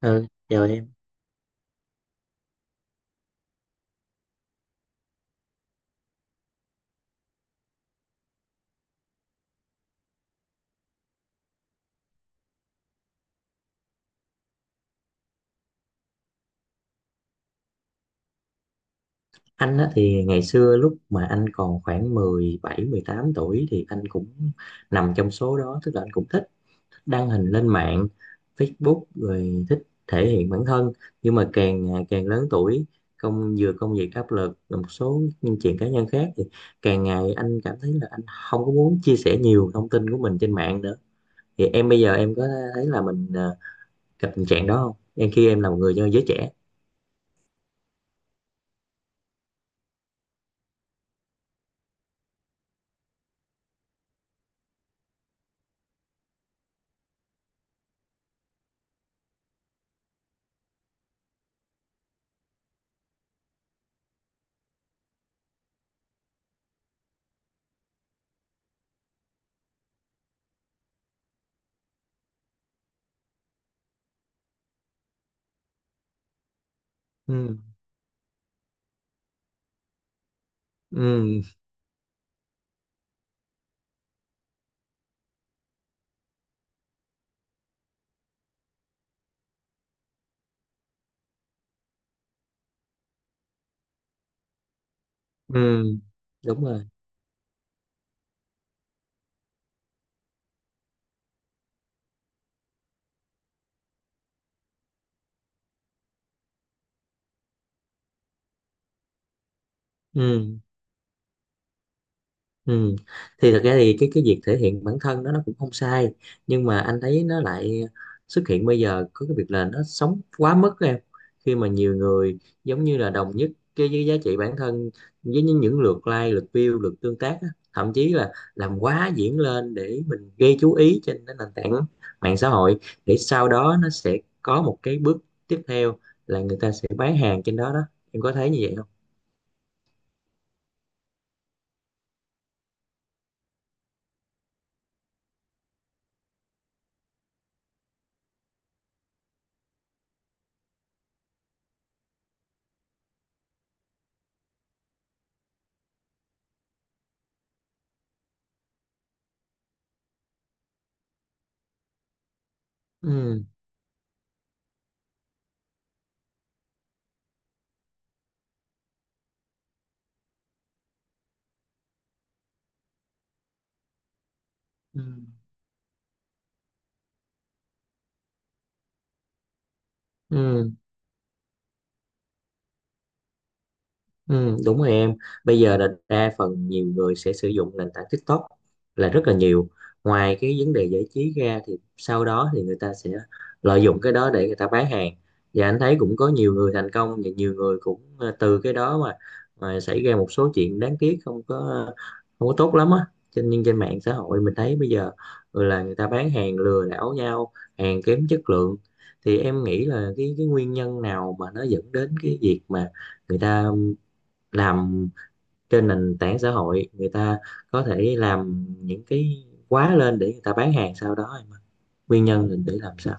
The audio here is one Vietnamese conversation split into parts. Ừ, chào em. Anh á, thì ngày xưa lúc mà anh còn khoảng 17, 18 tuổi thì anh cũng nằm trong số đó, tức là anh cũng thích đăng hình lên mạng, Facebook rồi thích thể hiện bản thân. Nhưng mà càng ngày càng lớn tuổi, công việc áp lực và một số những chuyện cá nhân khác thì càng ngày anh cảm thấy là anh không có muốn chia sẻ nhiều thông tin của mình trên mạng nữa. Thì em bây giờ em có thấy là mình gặp tình trạng đó không? Khi em là một người do giới trẻ. Ừ. Ừ. Ừ, đúng rồi. Ừ. Ừ. Thì thật ra thì cái việc thể hiện bản thân đó nó cũng không sai nhưng mà anh thấy nó lại xuất hiện bây giờ có cái việc là nó sống quá mức em, khi mà nhiều người giống như là đồng nhất cái với giá trị bản thân với những lượt like lượt view lượt tương tác á. Thậm chí là làm quá diễn lên để mình gây chú ý trên cái nền tảng mạng xã hội để sau đó nó sẽ có một cái bước tiếp theo là người ta sẽ bán hàng trên đó đó, em có thấy như vậy không? Ừ. Ừ. Ừ. Ừ, đúng rồi em. Bây giờ là đa phần nhiều người sẽ sử dụng nền tảng TikTok là rất là nhiều. Ngoài cái vấn đề giải trí ra thì sau đó thì người ta sẽ lợi dụng cái đó để người ta bán hàng. Và anh thấy cũng có nhiều người thành công và nhiều người cũng từ cái đó mà xảy ra một số chuyện đáng tiếc không có tốt lắm á. Nhưng trên mạng xã hội mình thấy bây giờ ừ, là người ta bán hàng lừa đảo nhau, hàng kém chất lượng. Thì em nghĩ là cái nguyên nhân nào mà nó dẫn đến cái việc mà người ta làm trên nền tảng xã hội, người ta có thể làm những cái quá lên để người ta bán hàng sau đó, nguyên nhân mình để làm sao.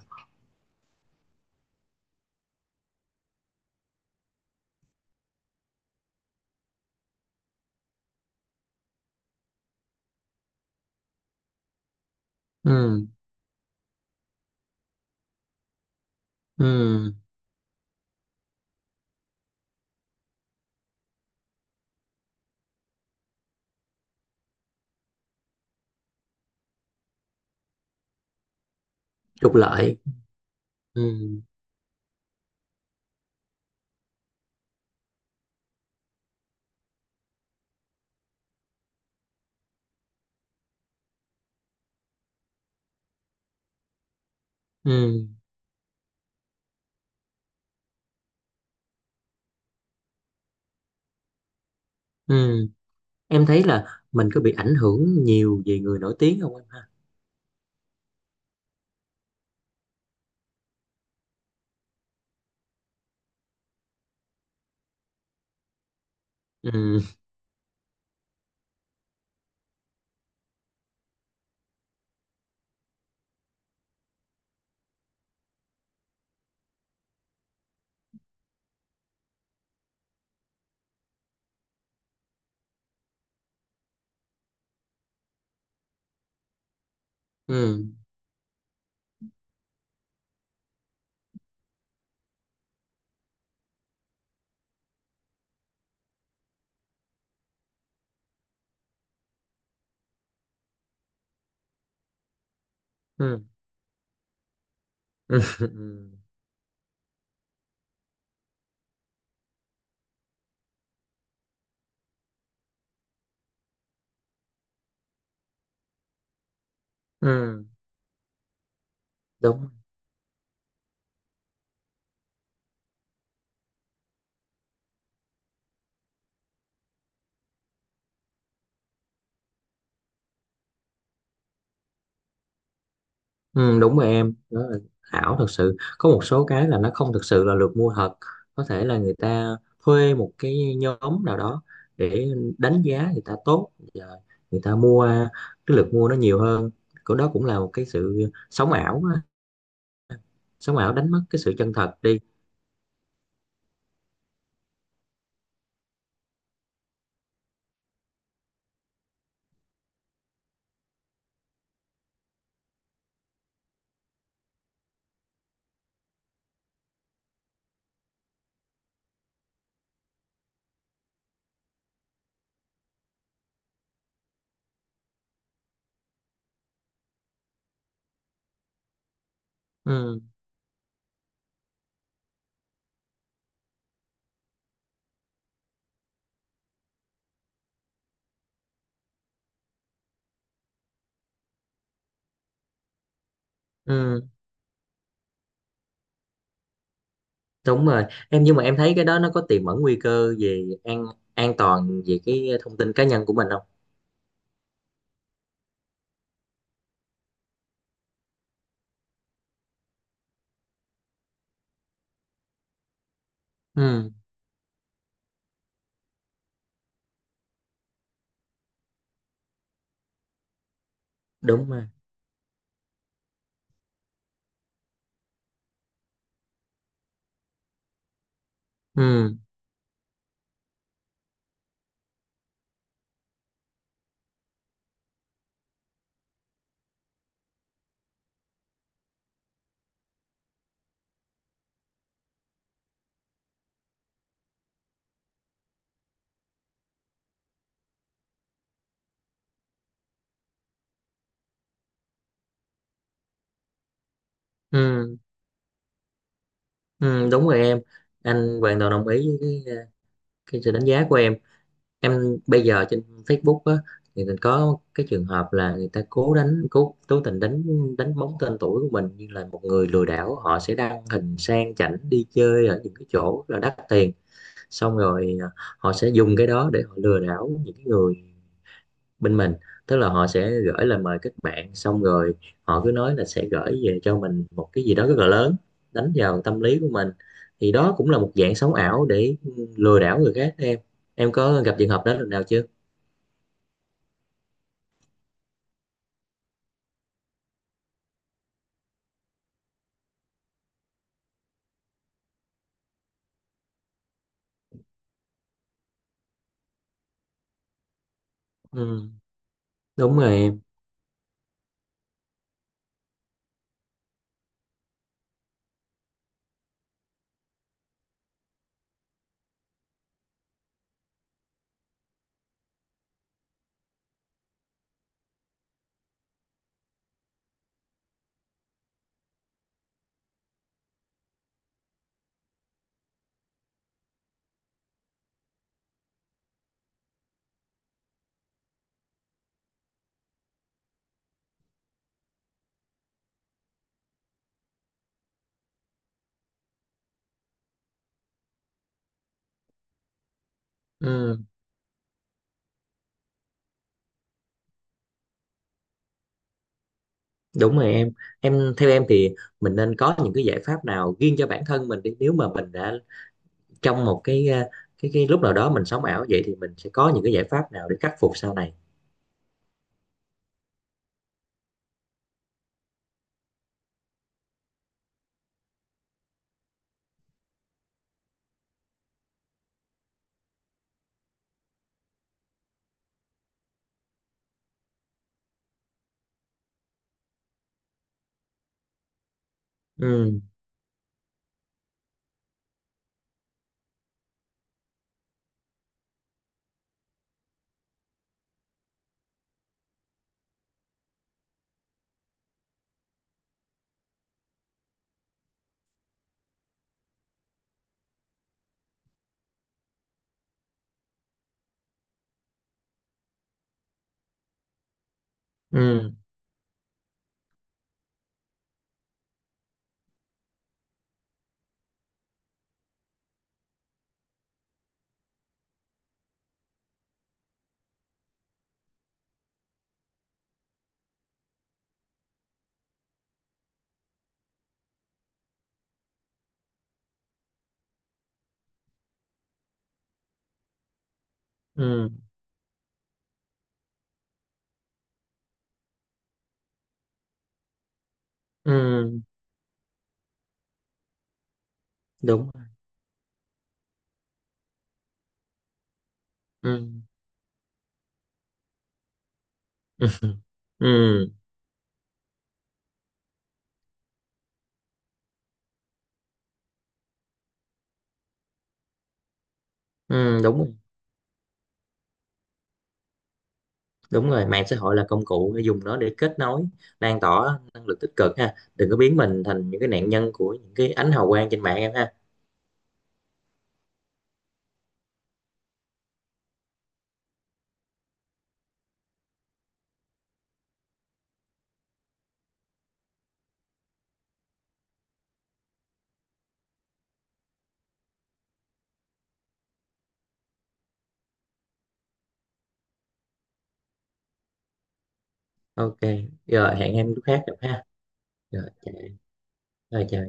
Ừ. Ừ. Trục lợi. Ừ. Ừ. Ừ. Em thấy là mình có bị ảnh hưởng nhiều về người nổi tiếng không em ha? Ừ. Ừ. Ừ. Ừ. Ừ. Ừ. Đúng. Ừ, đúng rồi em, đó là ảo thật sự, có một số cái là nó không thực sự là được mua thật, có thể là người ta thuê một cái nhóm nào đó để đánh giá người ta tốt và người ta mua cái lượt mua nó nhiều hơn, của đó cũng là một cái sự sống ảo á. Sống ảo đánh mất cái sự chân thật đi. Ừ. Ừ, đúng rồi em, nhưng mà em thấy cái đó nó có tiềm ẩn nguy cơ về an toàn về cái thông tin cá nhân của mình không? Ừ, đúng rồi. Ừ. Ừ. Ừ, đúng rồi em, anh hoàn toàn đồng ý với cái, ờ, cái sự đánh giá của em. Em bây giờ trên Facebook á thì mình có cái trường hợp là người ta cố cố tình đánh đánh bóng tên tuổi của mình như là một người lừa đảo, họ sẽ đăng hình sang chảnh đi chơi ở những cái chỗ là đắt tiền, xong rồi à, họ sẽ dùng cái đó để họ lừa đảo những cái người bên mình, tức là họ sẽ gửi lời mời kết bạn xong rồi họ cứ nói là sẽ gửi về cho mình một cái gì đó rất là lớn, đánh vào tâm lý của mình, thì đó cũng là một dạng sống ảo để lừa đảo người khác đó em. Em có gặp trường hợp đó lần nào chưa? Ừ, đúng rồi em. Ừ, đúng rồi em. Theo em thì mình nên có những cái giải pháp nào riêng cho bản thân mình đi, nếu mà mình đã trong một cái lúc nào đó mình sống ảo vậy thì mình sẽ có những cái giải pháp nào để khắc phục sau này. Ừ. Ừ. Ừ. Ừ. Đúng. Ừ. Ừ. Ừ. Ừ, đúng rồi. Đúng rồi, mạng xã hội là công cụ để dùng nó để kết nối, lan tỏa năng lực tích cực ha, đừng có biến mình thành những cái nạn nhân của những cái ánh hào quang trên mạng em ha. OK. Rồi hẹn em lúc khác gặp ha. Rồi chào. Rồi chào.